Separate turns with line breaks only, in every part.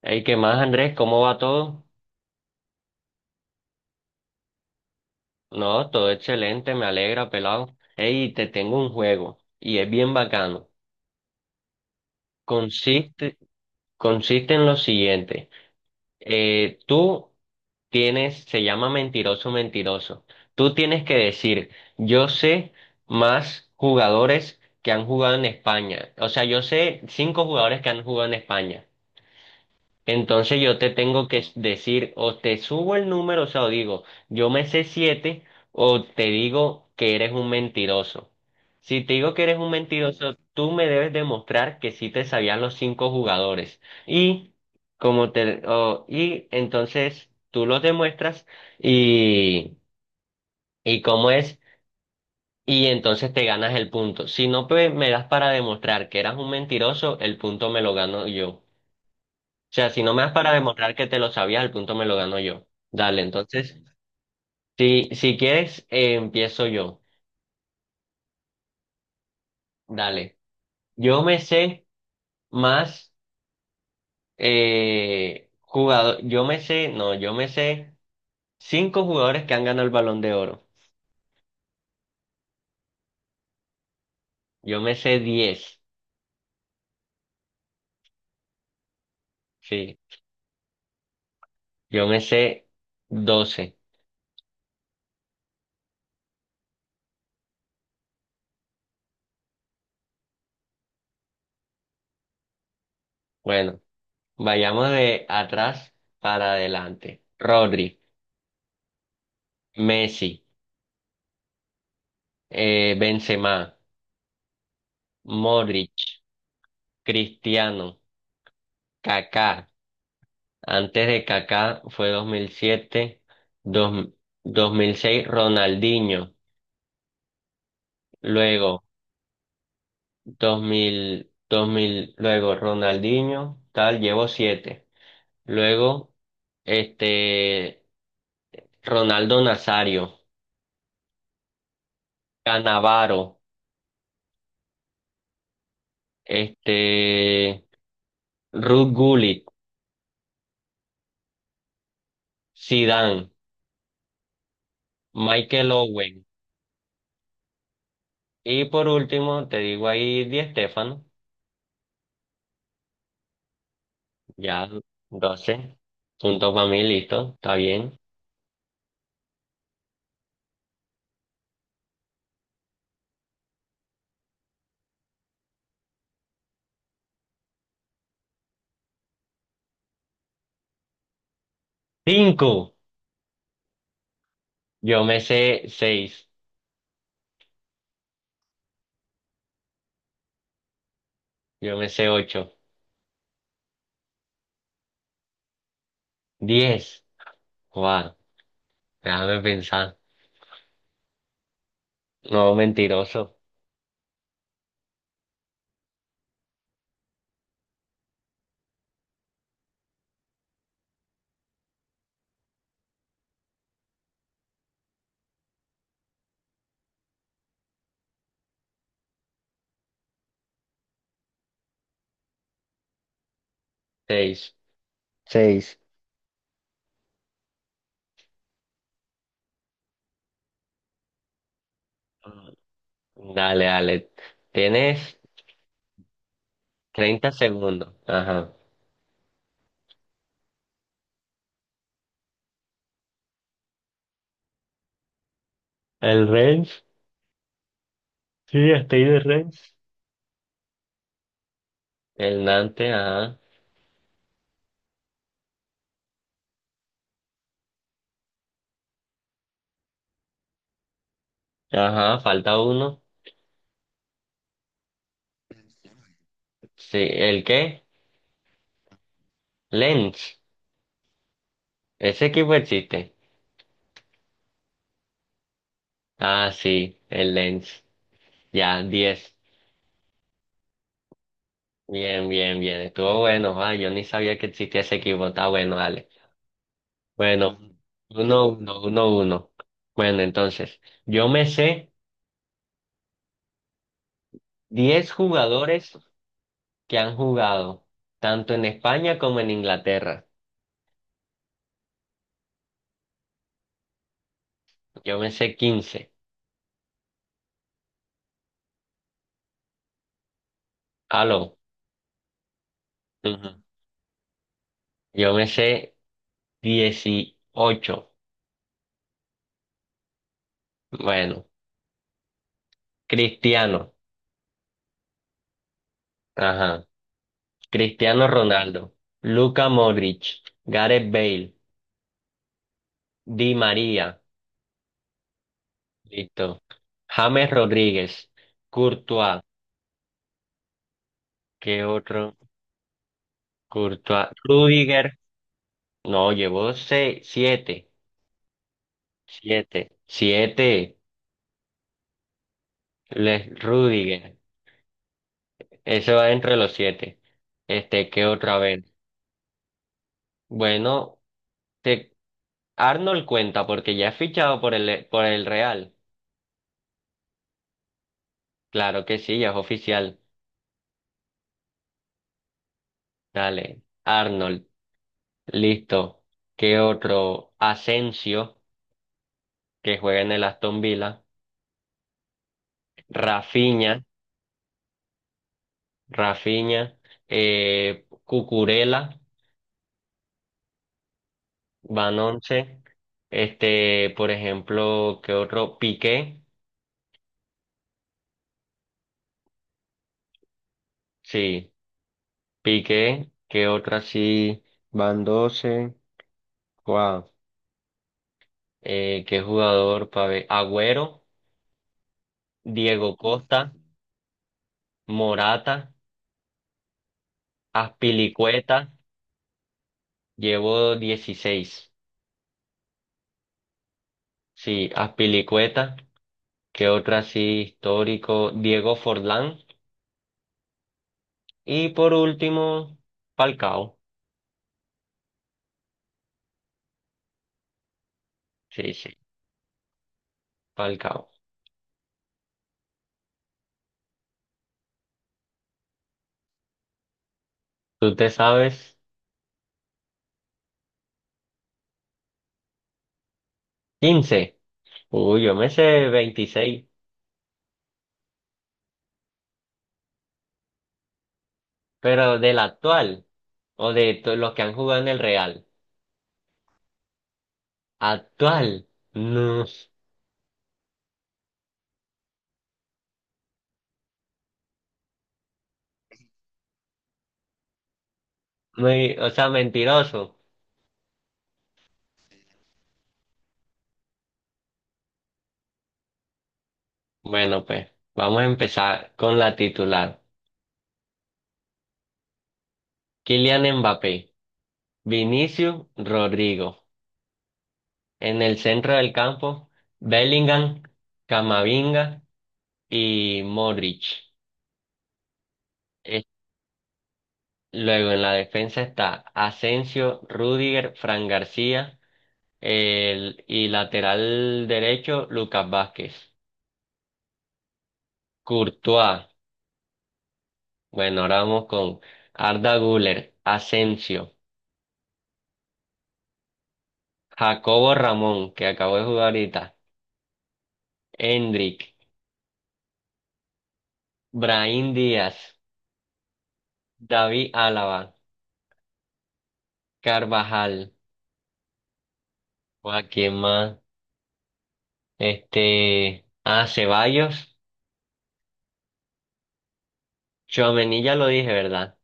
Hey, ¿qué más, Andrés? ¿Cómo va todo? No, todo excelente, me alegra, pelado. Hey, te tengo un juego y es bien bacano. Consiste, consiste en lo siguiente. Tú tienes, se llama mentiroso, mentiroso. Tú tienes que decir, yo sé más jugadores que han jugado en España. O sea, yo sé cinco jugadores que han jugado en España. Entonces yo te tengo que decir, o te subo el número, o sea, o digo, yo me sé siete, o te digo que eres un mentiroso. Si te digo que eres un mentiroso, tú me debes demostrar que sí te sabían los cinco jugadores. Y y entonces tú los demuestras y, y cómo es, y entonces te ganas el punto. Si no, pues me das para demostrar que eras un mentiroso, el punto me lo gano yo. O sea, si no me das para No. demostrar que te lo sabías, el punto me lo gano yo. Dale, entonces, si quieres, empiezo yo. Dale. Yo me sé más jugador, yo me sé, no, yo me sé cinco jugadores que han ganado el Balón de Oro. Yo me sé 10, sí. Yo me sé 12. Bueno, vayamos de atrás para adelante. Rodri, Messi, Benzema, Modric, Cristiano. Kaká. Antes de Kaká fue 2007 dos- 2006 Ronaldinho, luego dos mil luego Ronaldinho, tal, llevo siete. Luego este Ronaldo Nazario, Cannavaro, este Ruud Gullit, Zidane, Michael Owen y por último te digo ahí Di Stéfano. Ya, 12. Punto para mí, listo. Está bien. Cinco. Yo me sé seis. Yo me sé ocho. 10. Wow. Déjame pensar. No, mentiroso. Seis. Seis. Dale, dale. Tienes 30 segundos. Ajá. El range. Sí, estoy de range. El Nante, ajá. Ajá, falta uno. Sí, ¿el qué? Lens. Ese equipo existe. Ah, sí, el Lens. Ya, 10. Bien, bien, bien. Estuvo bueno. Ah, yo ni sabía que existía ese equipo. Está bueno, dale. Bueno, uno, uno, uno, uno. Bueno, entonces, yo me sé 10 jugadores que han jugado, tanto en España como en Inglaterra. Yo me sé 15. Aló. Ujú. Yo me sé 18. Bueno, Cristiano. Ajá. Cristiano Ronaldo. Luka Modric. Gareth Bale. Di María. Listo. James Rodríguez, Courtois, ¿qué otro? Courtois, Rudiger, no, llevó seis, siete, siete, siete, Les Rudiger, ese va entre los siete. Este, ¿qué otra vez? Bueno, te, Arnold cuenta porque ya es fichado por el, Real. Claro que sí, ya es oficial. Dale, Arnold, listo. ¿Qué otro? Asensio, que juega en el Aston Villa. Rafinha. Rafinha, Cucurella, Van 11, este, por ejemplo, ¿qué otro? Piqué, sí, Piqué, ¿qué otro así? Van 12, wow, ¿qué jugador para ver? Agüero, Diego Costa, Morata, Aspilicueta, llevo 16, sí, Aspilicueta, ¿qué otro así histórico? Diego Forlán, y por último, Falcao. Sí, sí, pa'l cabo. ¿Tú te sabes 15? Uy, yo me sé 26, pero del actual o de los que han jugado en el Real. Actual, no, muy, o sea, mentiroso. Bueno, pues vamos a empezar con la titular. Kylian Mbappé, Vinicius Rodrigo. En el centro del campo, Bellingham, Camavinga y Modric. Luego en la defensa está Asensio, Rudiger, Fran García el, y lateral derecho Lucas Vázquez. Courtois, bueno, ahora vamos con Arda Güler, Asensio, Jacobo Ramón, que acabó de jugar ahorita, Endrick, Brahim Díaz, David Álava, Carvajal, a quién más, este, a Ceballos, Tchouaméni ya lo dije, ¿verdad?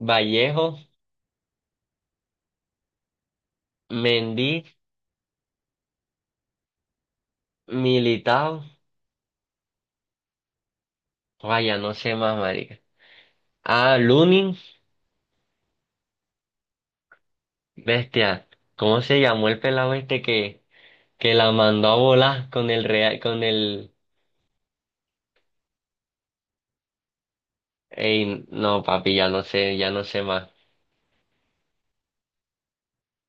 Vallejo, Mendy, Militao. Vaya, no sé más, marica. Ah, Lunin, bestia. ¿Cómo se llamó el pelado este que, la mandó a volar con el real, con el... Ey, no, papi, ya no sé más.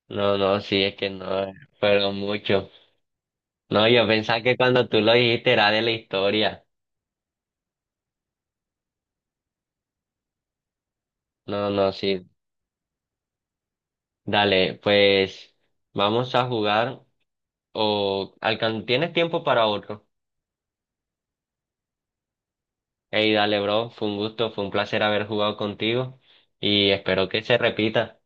No, no, sí, es que no, fueron mucho. No, yo pensaba que cuando tú lo dijiste era de la historia. No, no, sí. Dale, pues vamos a jugar o... alcan- ¿Tienes tiempo para otro? Ey, dale, bro, fue un gusto, fue un placer haber jugado contigo y espero que se repita.